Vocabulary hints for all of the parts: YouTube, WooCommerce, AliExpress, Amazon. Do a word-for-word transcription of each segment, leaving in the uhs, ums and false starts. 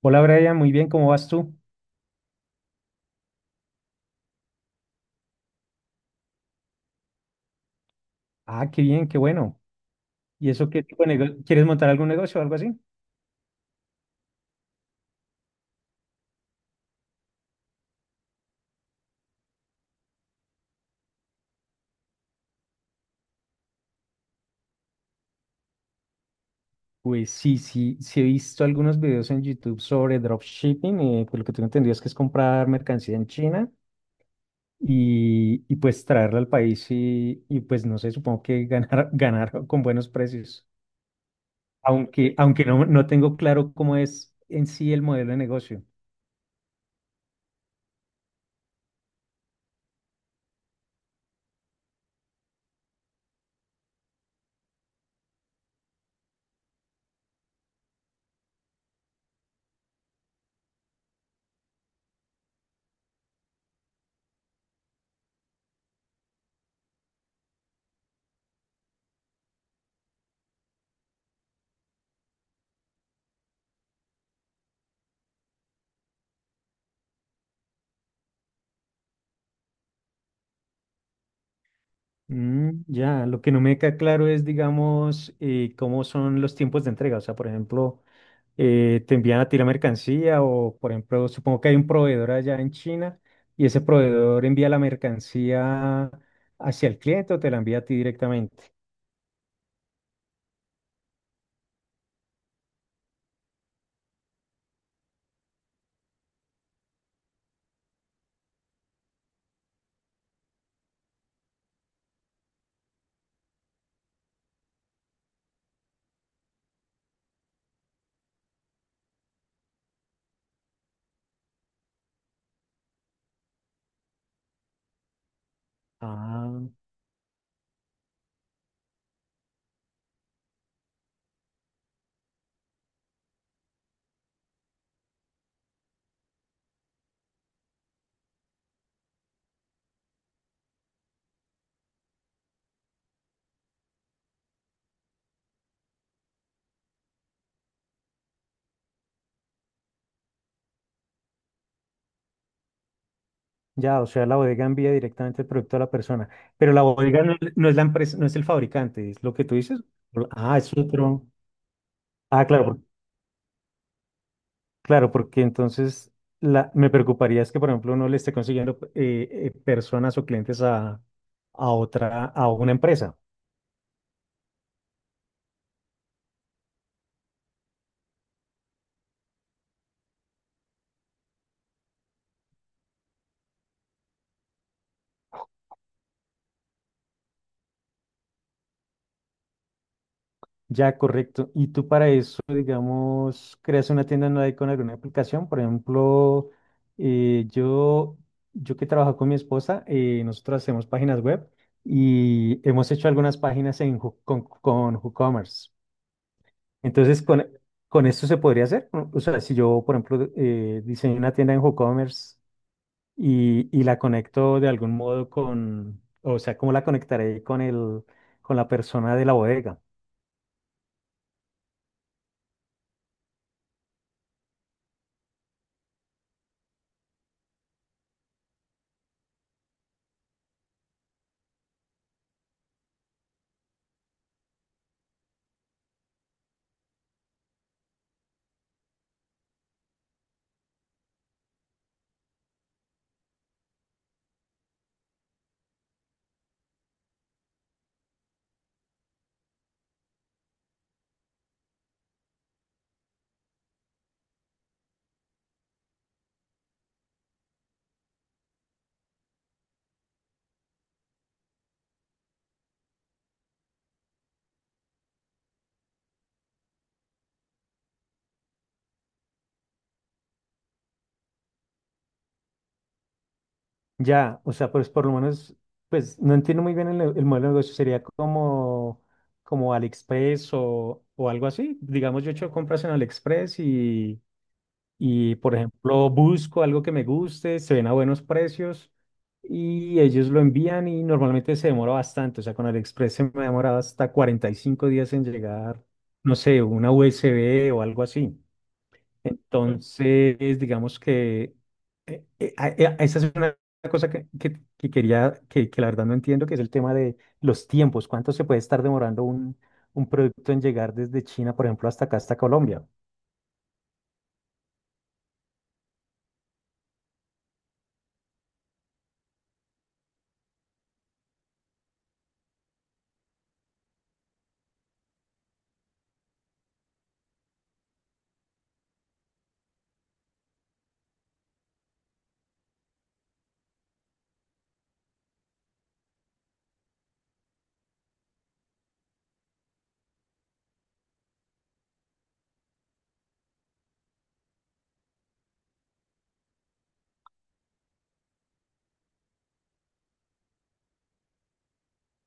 Hola Brian, muy bien, ¿cómo vas tú? Ah, qué bien, qué bueno. ¿Y eso qué tipo de negocio? ¿Quieres montar algún negocio o algo así? Pues sí, sí, sí he visto algunos videos en YouTube sobre dropshipping. Eh, pues lo que tengo entendido es que es comprar mercancía en China y, y pues traerla al país y, y pues no sé, supongo que ganar, ganar con buenos precios, aunque, aunque no, no tengo claro cómo es en sí el modelo de negocio. Mm, ya, lo que no me queda claro es, digamos, eh, cómo son los tiempos de entrega. O sea, por ejemplo, eh, te envían a ti la mercancía o, por ejemplo, supongo que hay un proveedor allá en China y ese proveedor envía la mercancía hacia el cliente o te la envía a ti directamente. Ah, ya, o sea, la bodega envía directamente el producto a la persona, pero la bodega no, es no es la empresa, no es el fabricante, es lo que tú dices. Ah, es otro. Ah, claro, por- claro, porque entonces la, me preocuparía es que, por ejemplo, uno le esté consiguiendo eh, eh, personas o clientes a, a otra, a una empresa. Ya, correcto. Y tú para eso, digamos, creas una tienda online con alguna aplicación. Por ejemplo, eh, yo, yo que trabajo con mi esposa. Eh, nosotros hacemos páginas web y hemos hecho algunas páginas en, Who- con, con WooCommerce. Entonces, con, con esto se podría hacer, ¿no? O sea, si yo, por ejemplo, eh, diseño una tienda en WooCommerce y, y la conecto de algún modo con, o sea, ¿cómo la conectaré con el, con la persona de la bodega? Ya, o sea, pues por lo menos, pues no entiendo muy bien el, el modelo de negocio. Sería como, como AliExpress o, o algo así. Digamos, yo he hecho compras en AliExpress y, y, por ejemplo, busco algo que me guste, se ven a buenos precios y ellos lo envían y normalmente se demora bastante. O sea, con AliExpress se me ha demorado hasta cuarenta y cinco días en llegar, no sé, una U S B o algo así. Entonces, digamos que eh, eh, a- eh, esa es una cosa que, que- que quería, que, que la verdad no entiendo, que es el tema de los tiempos. ¿Cuánto se puede estar demorando un, un producto en llegar desde China, por ejemplo, hasta acá, hasta Colombia?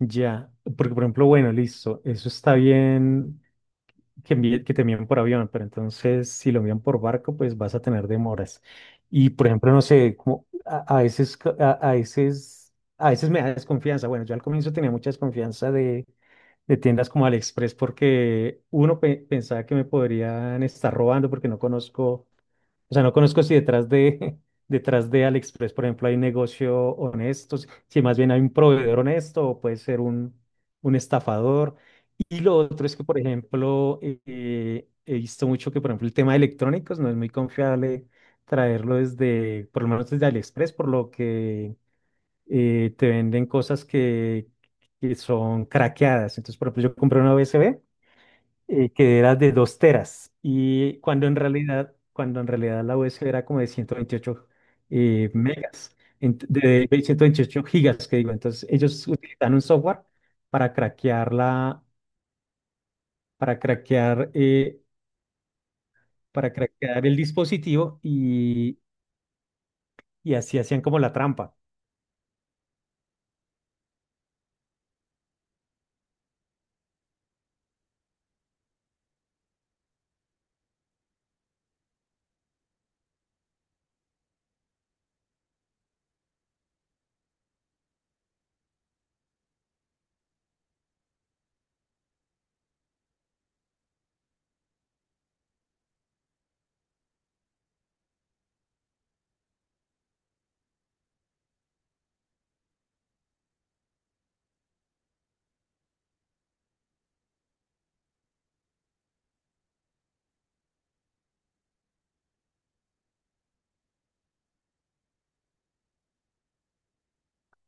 Ya, porque por ejemplo, bueno, listo, eso está bien que, envíe- que te envíen por avión, pero entonces si lo envían por barco, pues vas a tener demoras. Y por ejemplo, no sé, como a, a veces, ca- a, a veces, a veces me da desconfianza. Bueno, yo al comienzo tenía mucha desconfianza de, de tiendas como AliExpress porque uno pe- pensaba que me podrían estar robando porque no conozco. O sea, no conozco si detrás de, detrás de AliExpress, por ejemplo, hay un negocio honesto, si si más bien hay un proveedor honesto o puede ser un, un estafador. Y lo otro es que, por ejemplo, eh, he visto mucho que, por ejemplo, el tema de electrónicos no es muy confiable traerlo desde, por lo menos desde AliExpress, por lo que eh, te venden cosas que, que son craqueadas. Entonces, por ejemplo, yo compré una U S B, eh, que era de dos teras y cuando en realidad, cuando en realidad la U S B era como de ciento veintiocho, eh, megas, ent- de ciento veintiocho gigas, que digo. Entonces ellos utilizan un software para craquear la, para craquear, eh, para craquear el dispositivo y, y así hacían como la trampa.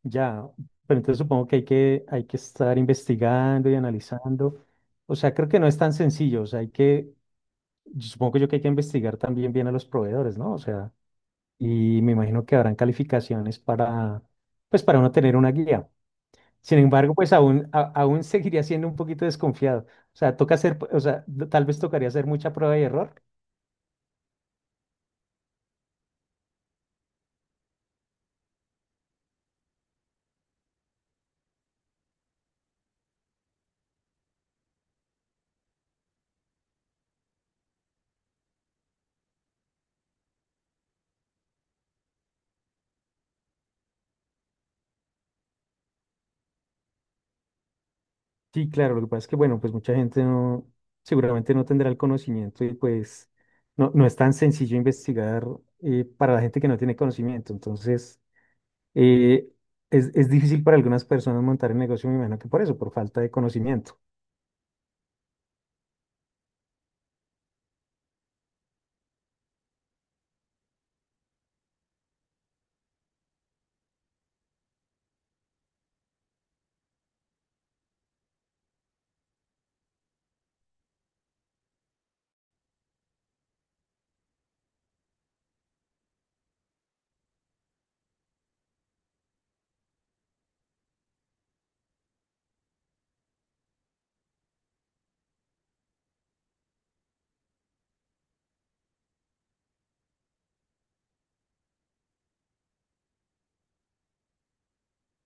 Ya, pero entonces supongo que hay que, hay que estar investigando y analizando. O sea, creo que no es tan sencillo. O sea, hay que, yo supongo yo que hay que investigar también bien a los proveedores, ¿no? O sea, y me imagino que habrán calificaciones para, pues para uno tener una guía. Sin embargo, pues aún, a- aún seguiría siendo un poquito desconfiado. O sea, toca hacer, o sea, tal vez tocaría hacer mucha prueba y error. Sí, claro, lo que pasa es que, bueno, pues mucha gente no, seguramente no tendrá el conocimiento y pues no, no es tan sencillo investigar, eh, para la gente que no tiene conocimiento. Entonces, eh, es, es difícil para algunas personas montar el negocio, me imagino que por eso, por falta de conocimiento.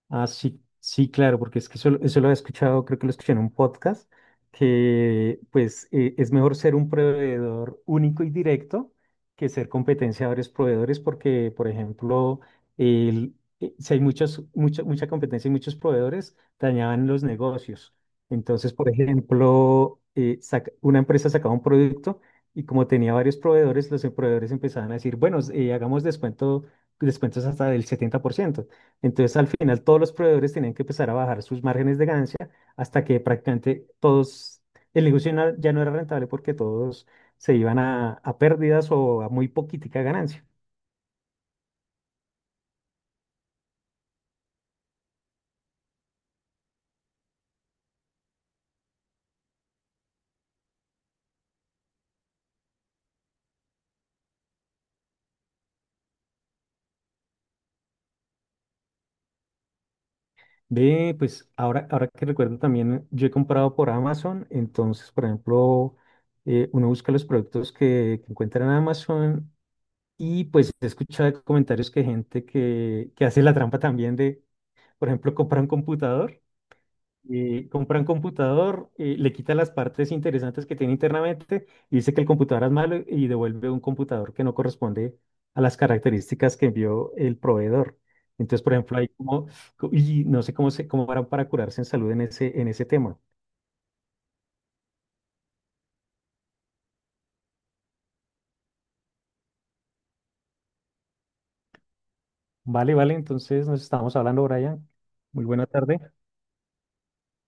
Ah, sí, sí, claro, porque es que eso, eso lo he escuchado, creo que lo escuché en un podcast, que pues eh, es mejor ser un proveedor único y directo que ser competencia de varios proveedores, porque, por ejemplo, el- eh, si hay muchas, mucha, mucha competencia y muchos proveedores, dañaban los negocios. Entonces, por ejemplo, eh, saca- una empresa sacaba un producto y como tenía varios proveedores, los proveedores empezaban a decir, bueno, eh, hagamos descuento, descuentos hasta del setenta por ciento. Entonces, al final, todos los proveedores tenían que empezar a bajar sus márgenes de ganancia hasta que prácticamente todos, el negocio no- ya no era rentable porque todos se iban a, a pérdidas o a muy poquitica ganancia. Ve, pues ahora, ahora que recuerdo también, yo he comprado por Amazon. Entonces, por ejemplo, eh, uno busca los productos que, que encuentra en Amazon y pues he escuchado comentarios que gente que, que hace la trampa también de, por ejemplo, compra un computador eh, compra un computador, eh, le quita las partes interesantes que tiene internamente y dice que el computador es malo y devuelve un computador que no corresponde a las características que envió el proveedor. Entonces, por ejemplo, hay como, co- y no sé cómo se, cómo harán para curarse en salud en ese, en ese tema. Vale, vale, entonces nos estamos hablando, Brian. Muy buena tarde.